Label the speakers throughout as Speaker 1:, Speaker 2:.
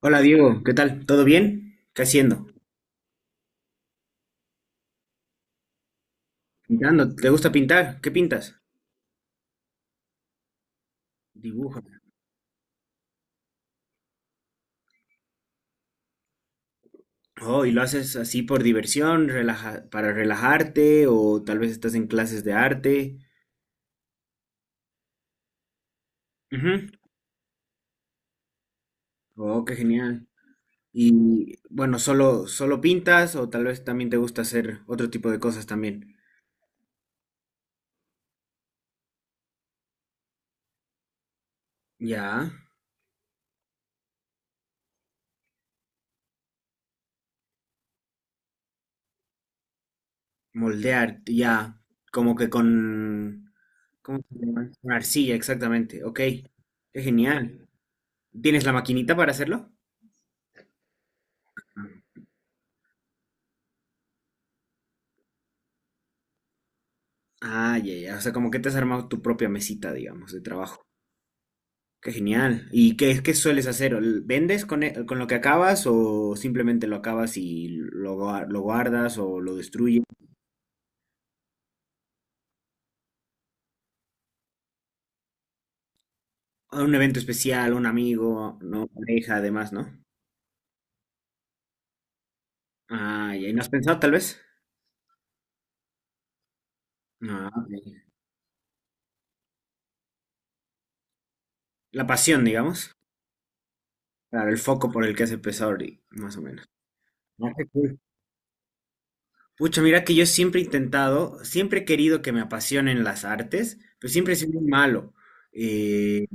Speaker 1: Hola Diego, ¿qué tal? ¿Todo bien? ¿Qué haciendo? Pintando. ¿Te gusta pintar? ¿Qué pintas? Dibujo. Oh, ¿y lo haces así por diversión, para relajarte o tal vez estás en clases de arte? Ujú. Oh, qué genial. Y bueno, solo pintas o tal vez también te gusta hacer otro tipo de cosas también. Ya, moldear, ya, como que con ¿cómo se llama? Con arcilla, exactamente. Ok. Qué genial. ¿Tienes la maquinita para hacerlo? Ah, ya, ya. O sea, como que te has armado tu propia mesita, digamos, de trabajo. Qué genial. ¿Y qué sueles hacer? ¿Vendes con lo que acabas o simplemente lo acabas y lo guardas o lo destruyes? ¿A un evento especial, un amigo, no, pareja, además, ¿no? Ah, ya. ¿Y no has pensado tal vez? Ah, ok. La pasión, digamos. Claro, el foco por el que has empezado, ahorita, más o menos. Ah, qué cool. Pucha, mira que yo siempre he intentado, siempre he querido que me apasionen las artes, pero siempre he sido muy malo. Eh,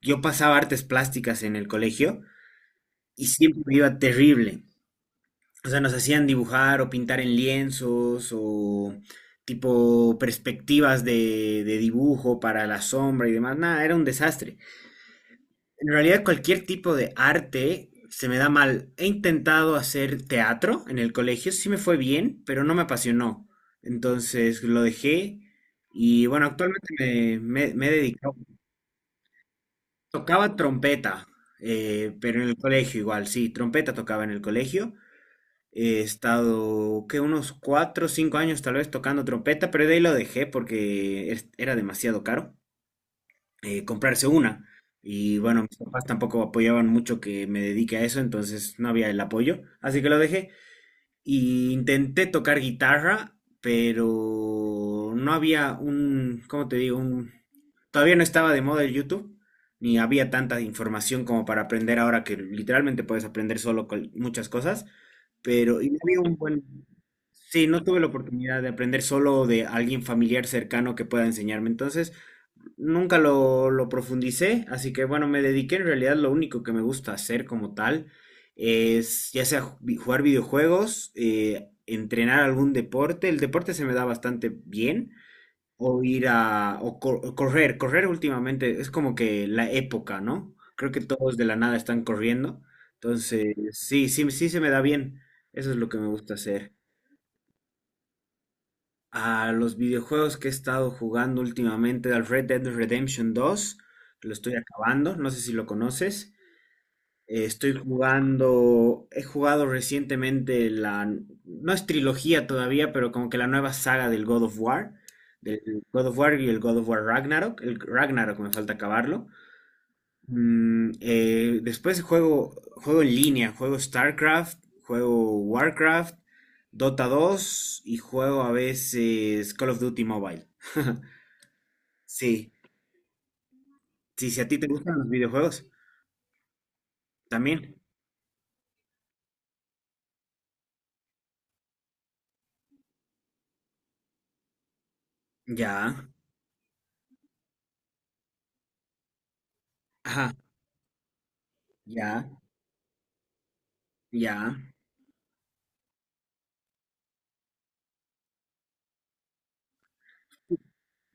Speaker 1: Yo pasaba artes plásticas en el colegio y siempre me iba terrible. O sea, nos hacían dibujar o pintar en lienzos o tipo perspectivas de dibujo para la sombra y demás. Nada, era un desastre. En realidad cualquier tipo de arte se me da mal. He intentado hacer teatro en el colegio, sí me fue bien, pero no me apasionó. Entonces lo dejé y bueno, actualmente me he dedicado. Tocaba trompeta, pero en el colegio igual, sí, trompeta tocaba en el colegio. He estado, que unos cuatro o cinco años tal vez tocando trompeta, pero de ahí lo dejé porque era demasiado caro comprarse una. Y bueno, mis papás tampoco apoyaban mucho que me dedique a eso, entonces no había el apoyo, así que lo dejé. Y intenté tocar guitarra, pero no había un, ¿cómo te digo? Un, todavía no estaba de moda el YouTube, ni había tanta información como para aprender ahora que literalmente puedes aprender solo con muchas cosas, pero y no había un buen... Sí, no tuve la oportunidad de aprender solo de alguien familiar cercano que pueda enseñarme, entonces nunca lo profundicé, así que bueno, me dediqué en realidad lo único que me gusta hacer como tal es ya sea jugar videojuegos, entrenar algún deporte, el deporte se me da bastante bien, o ir a, o cor- o correr. Correr últimamente es como que la época, ¿no? Creo que todos de la nada están corriendo, entonces sí, sí, sí se me da bien, eso es lo que me gusta hacer. A los videojuegos que he estado jugando últimamente, al Red Dead Redemption dos lo estoy acabando, no sé si lo conoces. Estoy jugando, he jugado recientemente no es trilogía todavía, pero como que la nueva saga del God of War, del God of War y el God of War Ragnarok, el Ragnarok me falta acabarlo. Después juego en línea, juego StarCraft, juego Warcraft, Dota dos y juego a veces Call of Duty Mobile. Sí, sí, si a ti te gustan los videojuegos, también. Ya, ajá, ya, ya.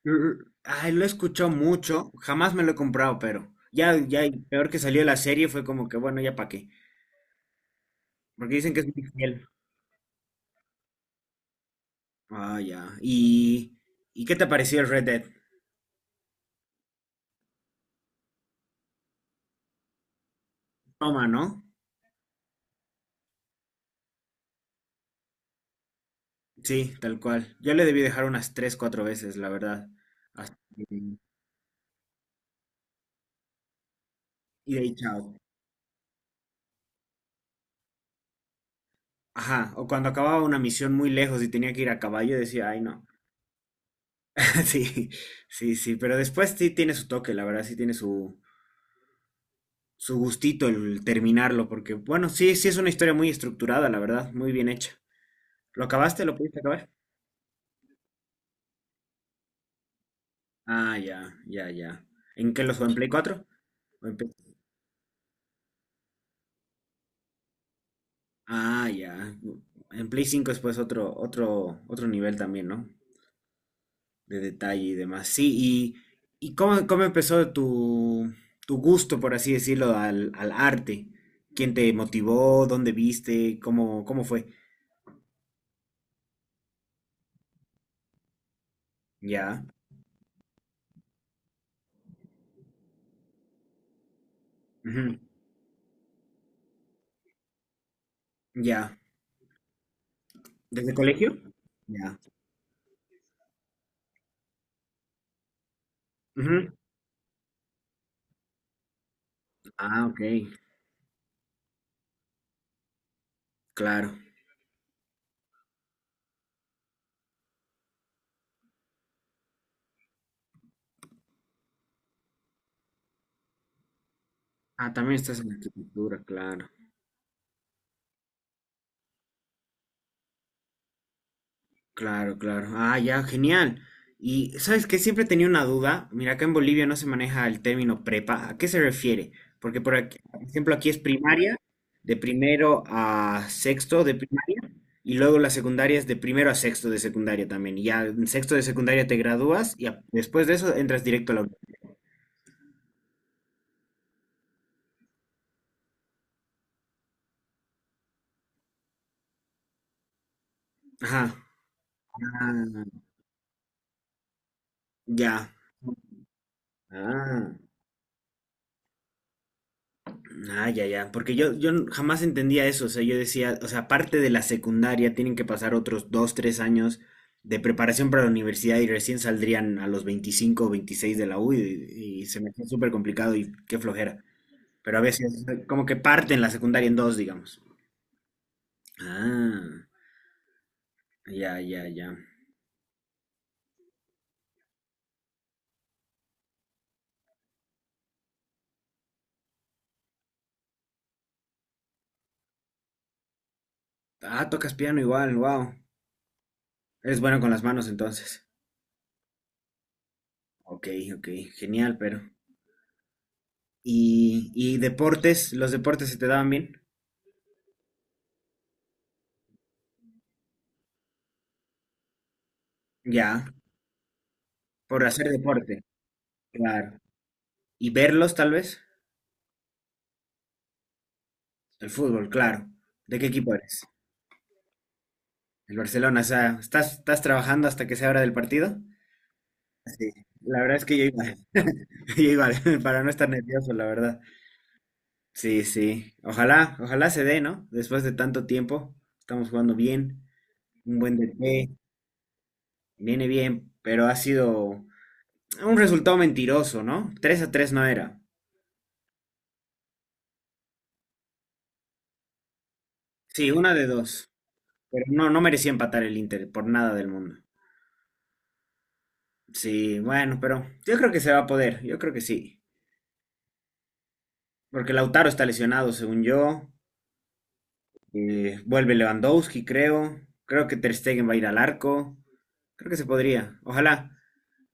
Speaker 1: Ay, lo escuchó mucho, jamás me lo he comprado, pero ya, ya, y peor que salió la serie fue como que, bueno, ya para qué. Porque dicen que es muy fiel. Ah, ya. Y qué te pareció el Red Dead? Toma, ¿no? Sí, tal cual. Yo le debí dejar unas tres, cuatro veces, la verdad. Hasta que... Y de ahí, chao. Ajá, o cuando acababa una misión muy lejos y tenía que ir a caballo, decía, ay, no. Sí, sí, sí, pero después sí tiene su toque, la verdad, sí tiene su gustito el terminarlo, porque bueno, sí, sí es una historia muy estructurada, la verdad, muy bien hecha. ¿Lo acabaste? ¿Lo pudiste acabar? Ah, ya, ya, ya. ¿En qué lo jugó? ¿En Play cuatro o en Play... Ah, ya. En Play 5 es pues otro, otro nivel también, ¿no? De detalle y demás. Sí, y cómo empezó tu gusto, por así decirlo, al arte. ¿Quién te motivó? ¿Dónde viste? ¿Cómo, cómo fue? Ya. Ujú, ya. ¿Desde colegio? Ya. Ah, ok, claro. Ah, también estás en arquitectura, claro, claro, claro. Ah, ya, genial. Y sabes que siempre tenía una duda. Mira, acá en Bolivia no se maneja el término prepa. ¿A qué se refiere? Porque por aquí, por ejemplo, aquí es primaria, de primero a sexto de primaria, y luego la secundaria es de primero a sexto de secundaria también. Y ya en sexto de secundaria te gradúas y después de eso entras directo a la uni. Ajá. Ah, ya. Ah. Ah, ya, ya. Porque jamás entendía eso. O sea, yo decía, o sea, aparte de la secundaria, tienen que pasar otros dos, tres años de preparación para la universidad y recién saldrían a los 25 o 26 de la U y se me hacía súper complicado y qué flojera. Pero a veces, como que parten la secundaria en dos, digamos. Ah, ya, ya, ya. Ah, tocas piano igual, wow. Eres bueno con las manos entonces. Ok, ok, genial, pero. Y deportes? ¿Los deportes se te daban bien? Ya, por hacer deporte. Claro. ¿Y verlos tal vez? El fútbol, claro. ¿De qué equipo eres? El Barcelona, o sea, ¿estás, estás trabajando hasta que se abra del partido? Sí. La verdad es que yo igual, yo igual, para no estar nervioso, la verdad. Sí, sí. Ojalá, ojalá se dé, ¿no? Después de tanto tiempo, estamos jugando bien, un buen DT, viene bien, pero ha sido un resultado mentiroso, ¿no? 3 a 3 no era. Sí, una de dos. Pero no, no merecía empatar el Inter por nada del mundo. Sí, bueno, pero yo creo que se va a poder, yo creo que sí. Porque Lautaro está lesionado, según yo. Vuelve Lewandowski, creo. Creo que Ter Stegen va a ir al arco. Creo que se podría, ojalá.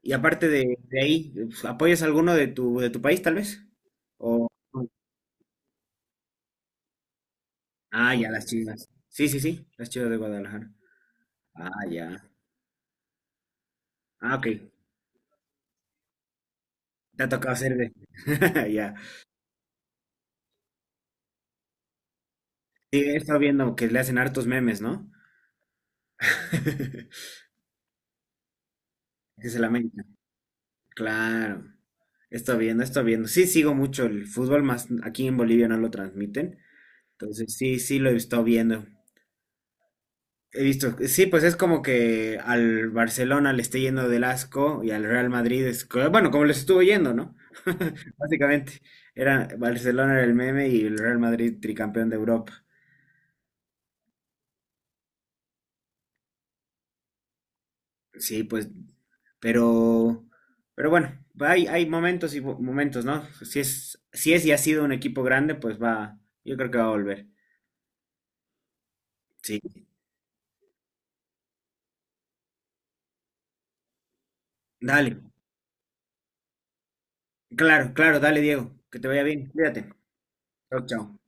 Speaker 1: Y aparte de ahí, pues, ¿apoyas a alguno de de tu país, tal vez? O... Ah, ya, las chivas. Sí, sí, sí, las chivas de Guadalajara. Ah, ya. Ah, ok. Te ha tocado hacer de... Ya. Sí, he estado viendo que le hacen hartos memes, ¿no? Que se la claro, está viendo, está viendo. Sí, sigo mucho el fútbol, más aquí en Bolivia no lo transmiten. Entonces, sí, sí lo he estado viendo. He visto, sí, pues es como que al Barcelona le esté yendo del asco y al Real Madrid es, bueno, como les estuvo yendo, ¿no? Básicamente, era Barcelona era el meme y el Real Madrid tricampeón de Europa. Sí, pues, pero, pero bueno, hay momentos, ¿no? Si es y ha sido un equipo grande, pues va, yo creo que va a volver. Sí, dale. Claro, claro, dale, Diego, que te vaya bien, cuídate. Chao, chao.